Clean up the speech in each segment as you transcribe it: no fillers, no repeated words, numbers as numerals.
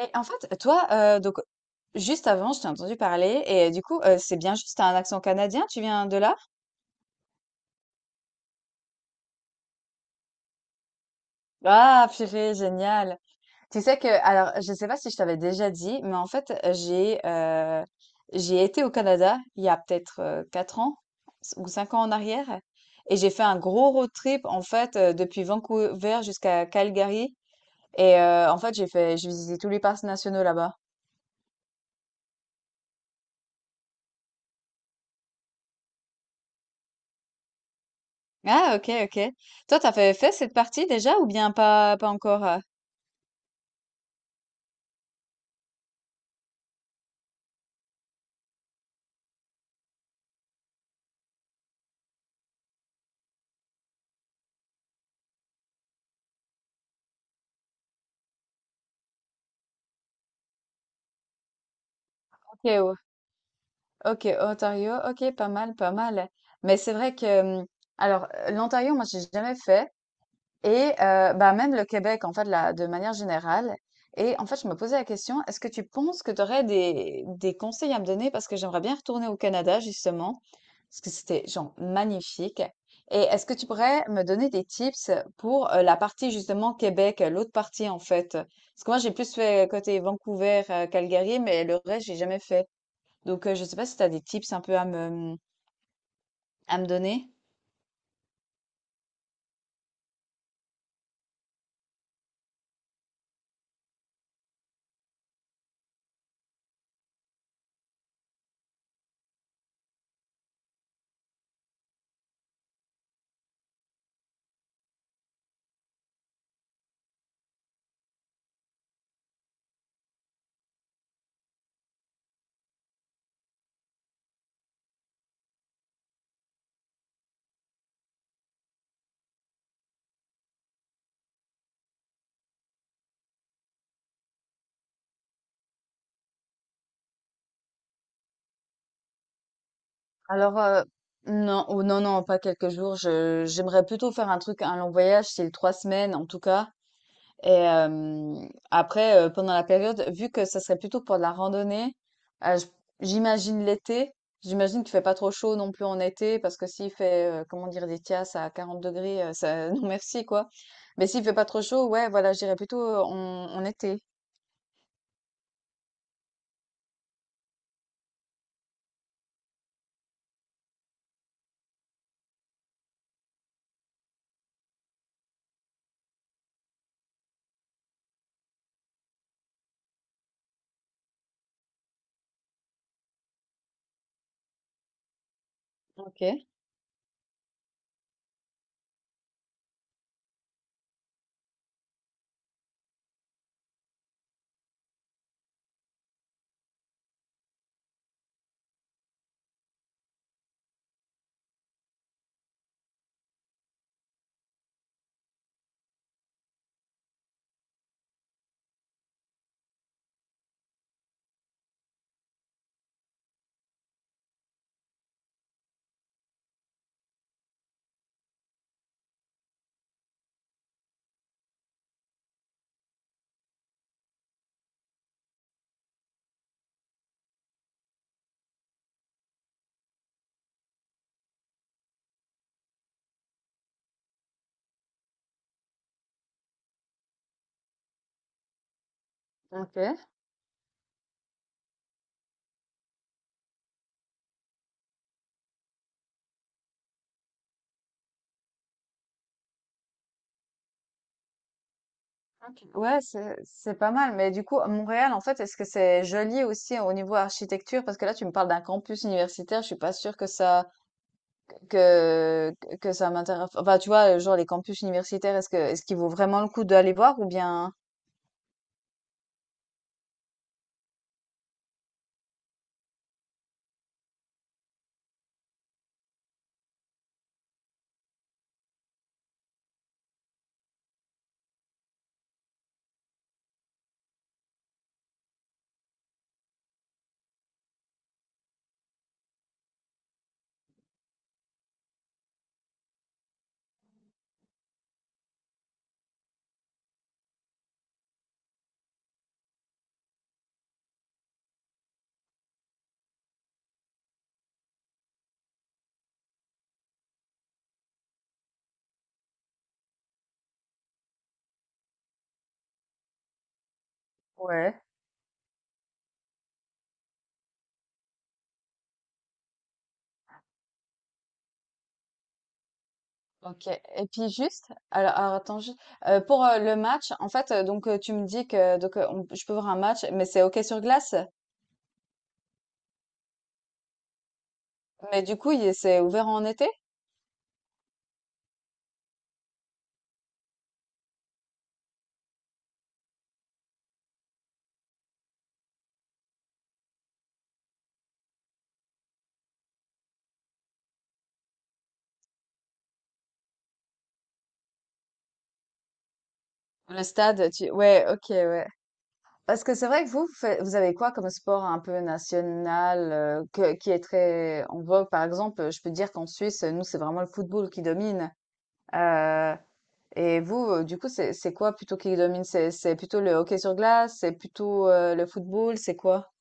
Et en fait, toi, donc juste avant, je t'ai entendu parler et du coup, c'est bien juste, tu un accent canadien? Tu viens de là? Ah purée, génial! Tu sais que alors je sais pas si je t'avais déjà dit, mais en fait, j'ai été au Canada il y a peut-être, 4 ans ou 5 ans en arrière et j'ai fait un gros road trip en fait, depuis Vancouver jusqu'à Calgary et en fait, j'ai visité tous les parcs nationaux là-bas. Ah OK, OK. Toi, tu avais fait cette partie déjà ou bien pas encore? OK, ouais. OK, Ontario, OK, pas mal, pas mal. Mais c'est vrai que, alors, l'Ontario, moi, j'ai jamais fait, et bah, même le Québec, en fait, là, de manière générale. Et en fait, je me posais la question, est-ce que tu penses que tu aurais des conseils à me donner? Parce que j'aimerais bien retourner au Canada, justement, parce que c'était, genre, magnifique. Et est-ce que tu pourrais me donner des tips pour la partie, justement, Québec, l'autre partie, en fait? Parce que moi, j'ai plus fait côté Vancouver, Calgary, mais le reste, j'ai jamais fait. Donc, je sais pas si tu as des tips un peu à me donner. Alors, non, ou non, non, pas quelques jours. J'aimerais plutôt faire un truc, un long voyage, c'est 3 semaines en tout cas. Et après, pendant la période, vu que ça serait plutôt pour de la randonnée, euh, j- j'imagine l'été. J'imagine qu'il fait pas trop chaud non plus en été, parce que s'il fait, comment dire, des tias à 40 degrés, ça, non merci quoi. Mais s'il fait pas trop chaud, ouais, voilà, j'irais plutôt en été. Ok. Ok. Ouais, c'est pas mal. Mais du coup, à Montréal, en fait, est-ce que c'est joli aussi au niveau architecture? Parce que là, tu me parles d'un campus universitaire. Je suis pas sûre que que ça m'intéresse. Enfin, tu vois, genre les campus universitaires, est-ce qu'il vaut vraiment le coup d'aller voir ou bien? Ouais. Ok. Et puis juste, alors, attends, pour le match, en fait, donc tu me dis que donc je peux voir un match, mais c'est hockey sur glace. Mais du coup, c'est ouvert en été? Le stade. Ouais, ok, ouais. Parce que c'est vrai que vous, vous avez quoi comme sport un peu national qui est très en vogue? Par exemple, je peux dire qu'en Suisse, nous, c'est vraiment le football qui domine. Euh, Et vous, du coup, c'est quoi plutôt qui domine? C'est plutôt le hockey sur glace? C'est plutôt, le football? C'est quoi?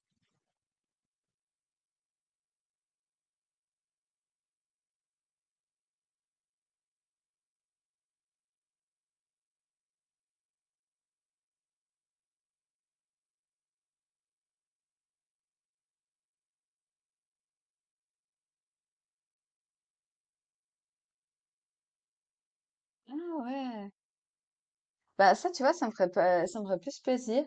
Ah ouais! Bah, ça, tu vois, ça me ferait pas ça me ferait plus plaisir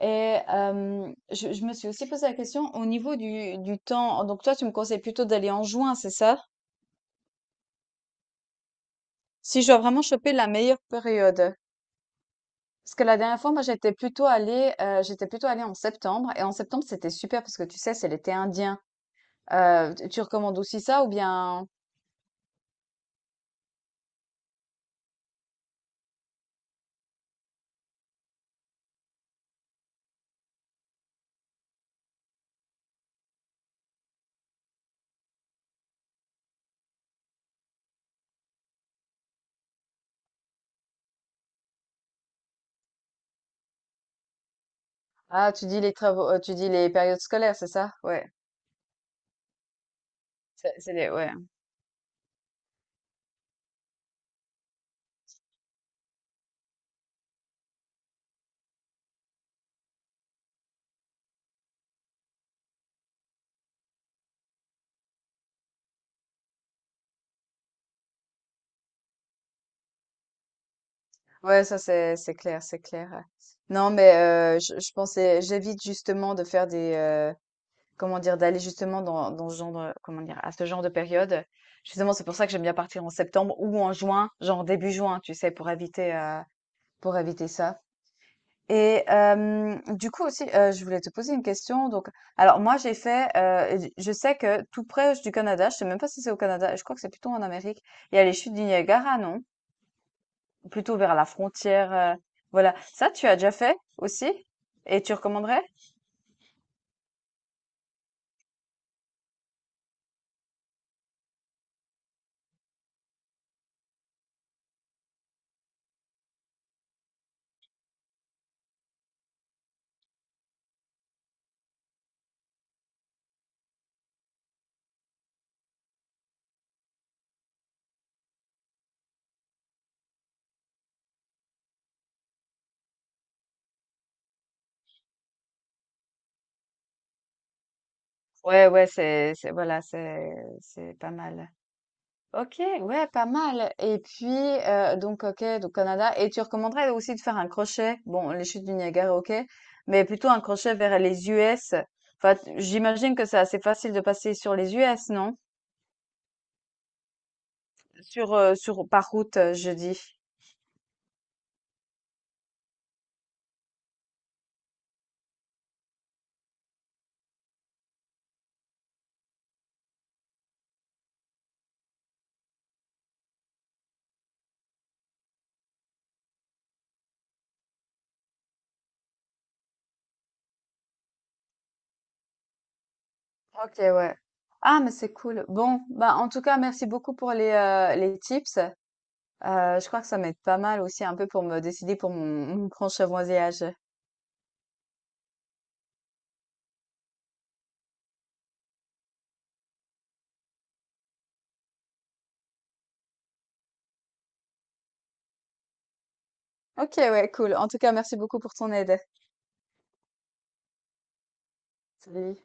et je me suis aussi posé la question au niveau du temps. Donc toi, tu me conseilles plutôt d'aller en juin, c'est ça? Si je dois vraiment choper la meilleure période. Parce que la dernière fois, moi, j'étais plutôt allée en septembre et en septembre, c'était super parce que tu sais, c'est l'été indien. Tu recommandes aussi ça ou bien? Ah, tu dis les travaux, tu dis les périodes scolaires, c'est ça? Ouais. C'est les, ouais. Ouais, ça c'est clair, c'est clair. Ouais. Non, mais je pensais, j'évite justement de faire comment dire, d'aller justement dans ce genre, comment dire, à ce genre de période. Justement, c'est pour ça que j'aime bien partir en septembre ou en juin, genre début juin, tu sais, pour éviter ça. Et du coup aussi, je voulais te poser une question donc alors moi j'ai fait, j je sais que tout près du Canada, je sais même pas si c'est au Canada, je crois que c'est plutôt en Amérique, il y a les chutes du Niagara, non? Plutôt vers la frontière, voilà. Ça, tu as déjà fait aussi? Et tu recommanderais? Ouais, ouais, c'est voilà, c'est pas mal. OK, ouais, pas mal. Et puis, donc OK, donc Canada et tu recommanderais aussi de faire un crochet? Bon, les chutes du Niagara, OK, mais plutôt un crochet vers les US. Enfin, t j'imagine que c'est assez facile de passer sur les US, non? Sur par route, je dis. OK, ouais. Ah, mais c'est cool. Bon, bah, en tout cas, merci beaucoup pour les tips. Je crois que ça m'aide pas mal aussi un peu pour me décider pour mon prochain voyage. OK, ouais, cool. En tout cas, merci beaucoup pour ton aide. Salut.